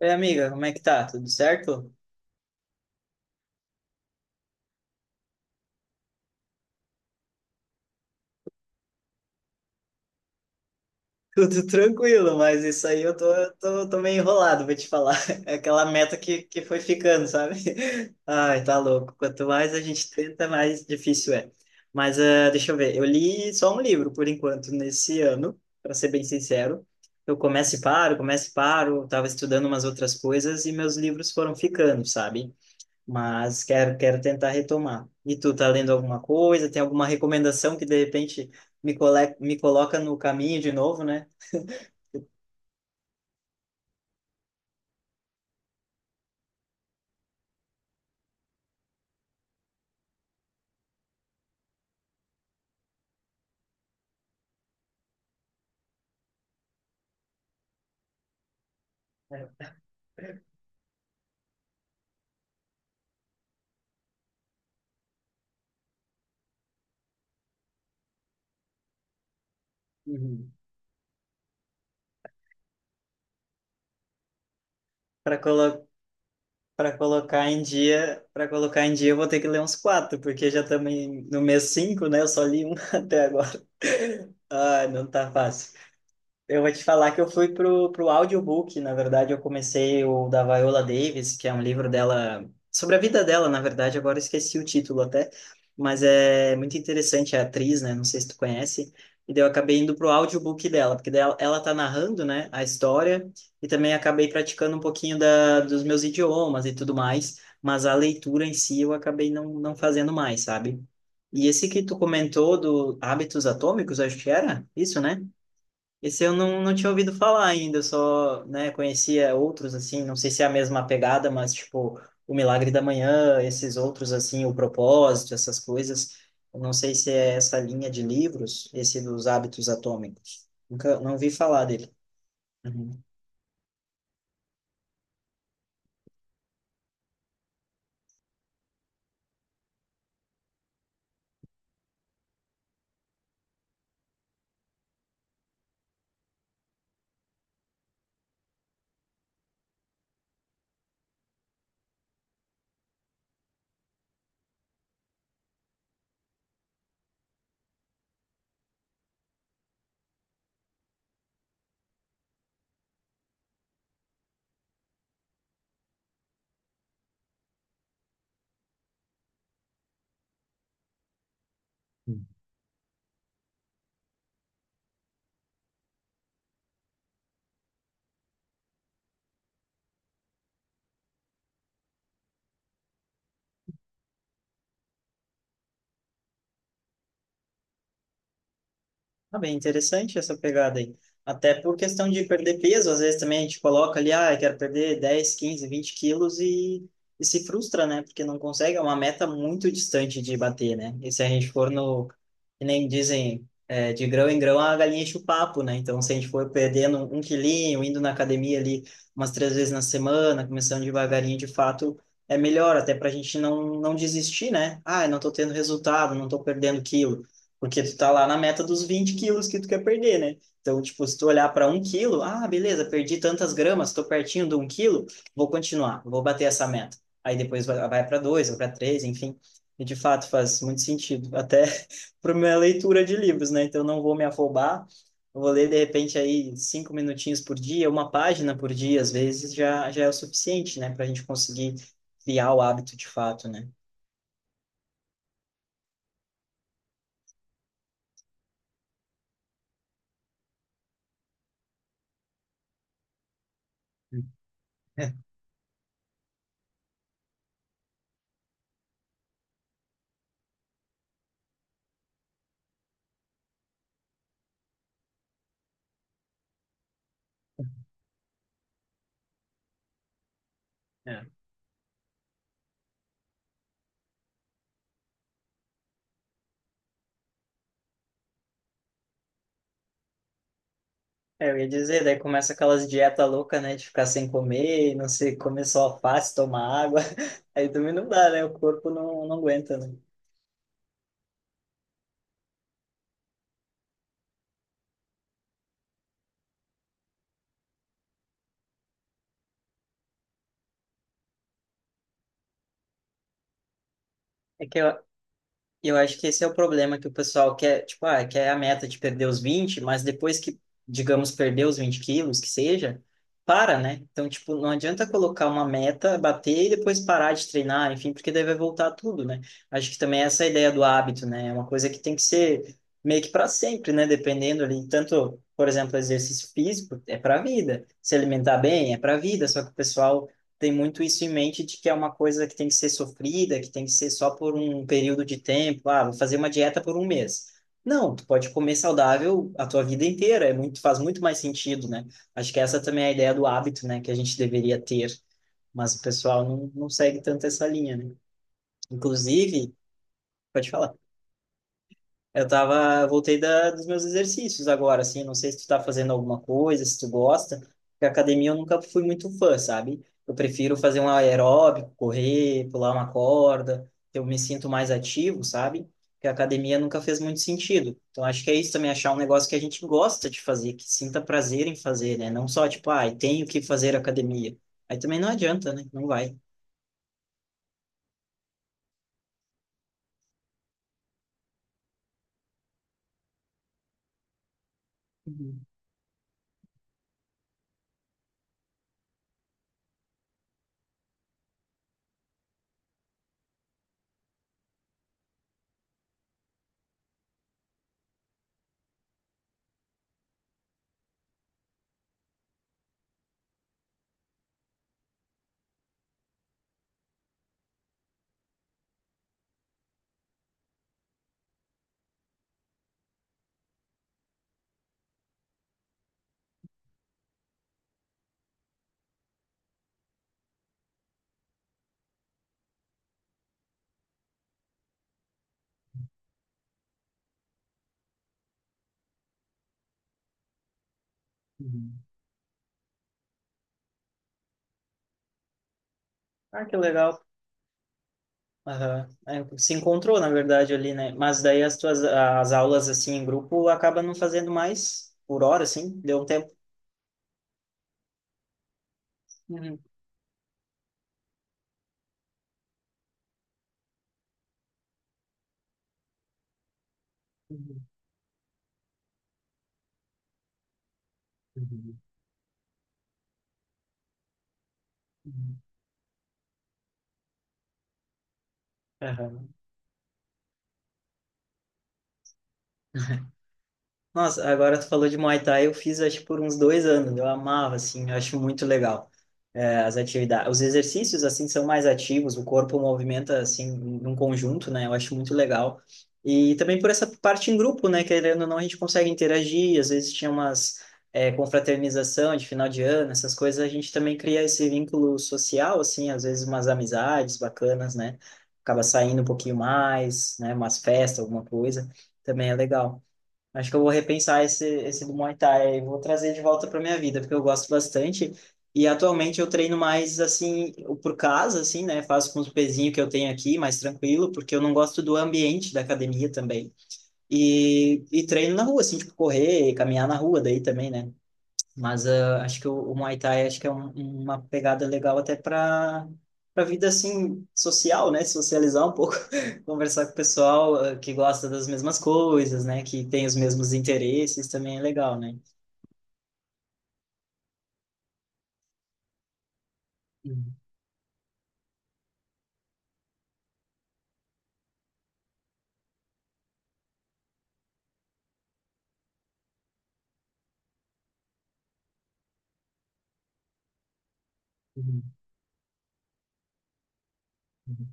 Oi, amiga, como é que tá? Tudo certo? Tudo tranquilo, mas isso aí eu tô meio enrolado, vou te falar. É aquela meta que foi ficando, sabe? Ai, tá louco. Quanto mais a gente tenta, mais difícil é. Mas deixa eu ver, eu li só um livro por enquanto nesse ano, para ser bem sincero. Eu começo e paro, tava estudando umas outras coisas e meus livros foram ficando, sabe? Mas quero tentar retomar. E tu tá lendo alguma coisa? Tem alguma recomendação que de repente me coloca no caminho de novo, né? É. Uhum. Para colo... para colocar em dia, eu vou ter que ler uns quatro, porque já no mês cinco, né? Eu só li um até agora. Ah, não tá fácil. Eu vou te falar que eu fui pro audiobook, na verdade, eu comecei o da Viola Davis, que é um livro dela, sobre a vida dela, na verdade, agora eu esqueci o título até, mas é muito interessante, é atriz, né, não sei se tu conhece, e daí eu acabei indo pro audiobook dela, porque daí ela tá narrando, né, a história, e também acabei praticando um pouquinho dos meus idiomas e tudo mais, mas a leitura em si eu acabei não fazendo mais, sabe? E esse que tu comentou do Hábitos Atômicos, acho que era isso, né? Esse eu não, não tinha ouvido falar ainda, eu só, né, conhecia outros, assim, não sei se é a mesma pegada, mas, tipo, O Milagre da Manhã, esses outros, assim, O Propósito, essas coisas, eu não sei se é essa linha de livros, esse dos hábitos atômicos. Nunca, não vi falar dele. Uhum. Ah, bem interessante essa pegada aí. Até por questão de perder peso, às vezes também a gente coloca ali, ah, eu quero perder 10 15 20 quilos e se frustra, né? Porque não consegue, é uma meta muito distante de bater, né? E se a gente for que nem dizem, é, de grão em grão a galinha enche o papo, né? Então, se a gente for perdendo um quilinho, indo na academia ali umas três vezes na semana, começando devagarinho, de fato, é melhor, até para a gente não desistir, né? Ah, eu não tô tendo resultado, não tô perdendo quilo. Porque tu tá lá na meta dos 20 quilos que tu quer perder, né? Então, tipo, se tu olhar para um quilo, ah, beleza, perdi tantas gramas, tô pertinho de um quilo, vou continuar, vou bater essa meta. Aí depois vai para dois, vai para três, enfim. E de fato faz muito sentido, até para minha leitura de livros, né? Então, não vou me afobar, vou ler de repente aí cinco minutinhos por dia, uma página por dia, às vezes já é o suficiente, né? Para a gente conseguir criar o hábito de fato, né? É. É, eu ia dizer, daí começa aquelas dietas loucas, né? De ficar sem comer, não sei, comer só alface, tomar água. Aí também não dá, né? O corpo não aguenta, né? É que eu, E eu acho que esse é o problema que o pessoal quer, tipo, ah, quer a meta de perder os 20 mas depois digamos, perder os 20 quilos, que seja, para, né? Então, tipo, não adianta colocar uma meta, bater e depois parar de treinar, enfim, porque daí vai voltar tudo, né? Acho que também essa é a ideia do hábito, né? É uma coisa que tem que ser meio que para sempre, né? Dependendo ali, tanto, por exemplo, exercício físico é para a vida, se alimentar bem é para a vida, só que o pessoal tem muito isso em mente de que é uma coisa que tem que ser sofrida, que tem que ser só por um período de tempo. Ah, vou fazer uma dieta por um mês. Não, tu pode comer saudável a tua vida inteira, é muito, faz muito mais sentido, né? Acho que essa também é a ideia do hábito, né, que a gente deveria ter, mas o pessoal não segue tanto essa linha, né? Inclusive, pode falar. Eu tava, voltei dos meus exercícios agora, assim, não sei se tu tá fazendo alguma coisa, se tu gosta, porque academia eu nunca fui muito fã, sabe? Eu prefiro fazer um aeróbico, correr, pular uma corda, eu me sinto mais ativo, sabe? Porque a academia nunca fez muito sentido. Então acho que é isso também, achar um negócio que a gente gosta de fazer, que sinta prazer em fazer, né? Não só tipo, ai, tenho que fazer academia. Aí também não adianta, né? Não vai. Uhum, uhum. Ah, que legal. Aham. É, se encontrou, na verdade, ali, né? Mas daí as aulas, assim, em grupo, acaba não fazendo mais por hora, assim, deu um tempo. Uhum. Uhum. Uhum. Uhum. Nossa, agora tu falou de Muay Thai, eu fiz acho por uns dois anos, eu amava, assim, eu acho muito legal. É, as atividades, os exercícios, assim, são mais ativos, o corpo movimenta, assim, num conjunto, né, eu acho muito legal. E também por essa parte em grupo, né, querendo ou não, a gente consegue interagir, às vezes tinha umas confraternização de final de ano, essas coisas, a gente também cria esse vínculo social, assim, às vezes umas amizades bacanas, né, acaba saindo um pouquinho mais, né, umas festas, alguma coisa, também é legal. Acho que eu vou repensar esse do Muay Thai e vou trazer de volta para minha vida, porque eu gosto bastante. E atualmente eu treino mais assim, por casa, assim, né? Faço com os pezinhos que eu tenho aqui, mais tranquilo, porque eu não gosto do ambiente da academia também. E treino na rua, assim, tipo, correr, caminhar na rua daí também, né? Mas acho que o Muay Thai acho que uma pegada legal até para vida assim social, né? Socializar um pouco, conversar com o pessoal que gosta das mesmas coisas, né? Que tem os mesmos interesses também é legal, né? Uhum, uhum, uhum.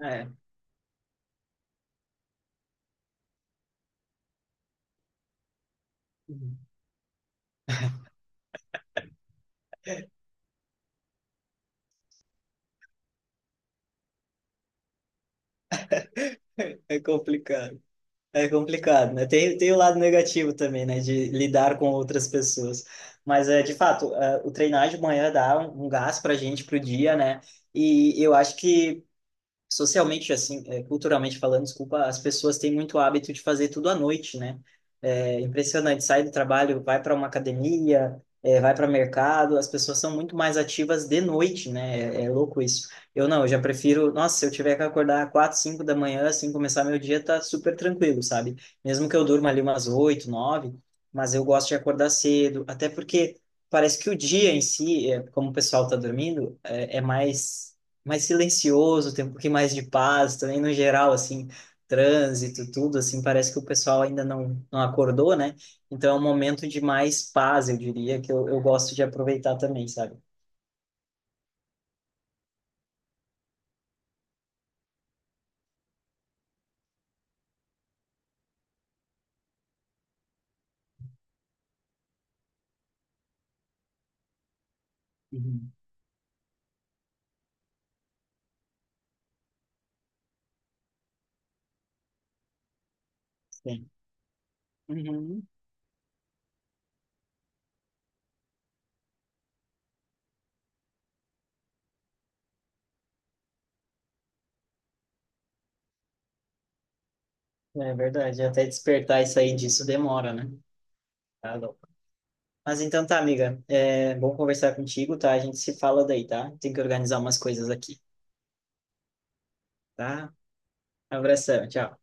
É, uhum. É complicado. É complicado, né? Tem o lado negativo também, né? De lidar com outras pessoas. Mas, é, de fato, o treinar de manhã dá um gás pra gente pro dia, né? E eu acho que socialmente assim, culturalmente falando, desculpa, as pessoas têm muito hábito de fazer tudo à noite, né? É impressionante, sai do trabalho, vai para uma academia, vai para mercado, as pessoas são muito mais ativas de noite, né? É, é louco isso. Eu já prefiro, nossa, se eu tiver que acordar quatro, cinco da manhã, assim, começar meu dia, tá super tranquilo, sabe? Mesmo que eu durma ali umas oito, nove, mas eu gosto de acordar cedo, até porque parece que o dia em si, como o pessoal tá dormindo, é mais mais silencioso, tem um pouquinho mais de paz também, no geral, assim, trânsito, tudo, assim, parece que o pessoal ainda não acordou, né? Então é um momento de mais paz, eu diria, que eu gosto de aproveitar também, sabe? Uhum. Sim. Uhum. É verdade, até despertar e sair disso demora, né? Tá louco. Mas então tá, amiga, é bom conversar contigo, tá? A gente se fala daí, tá? Tem que organizar umas coisas aqui, tá? Abração, tchau.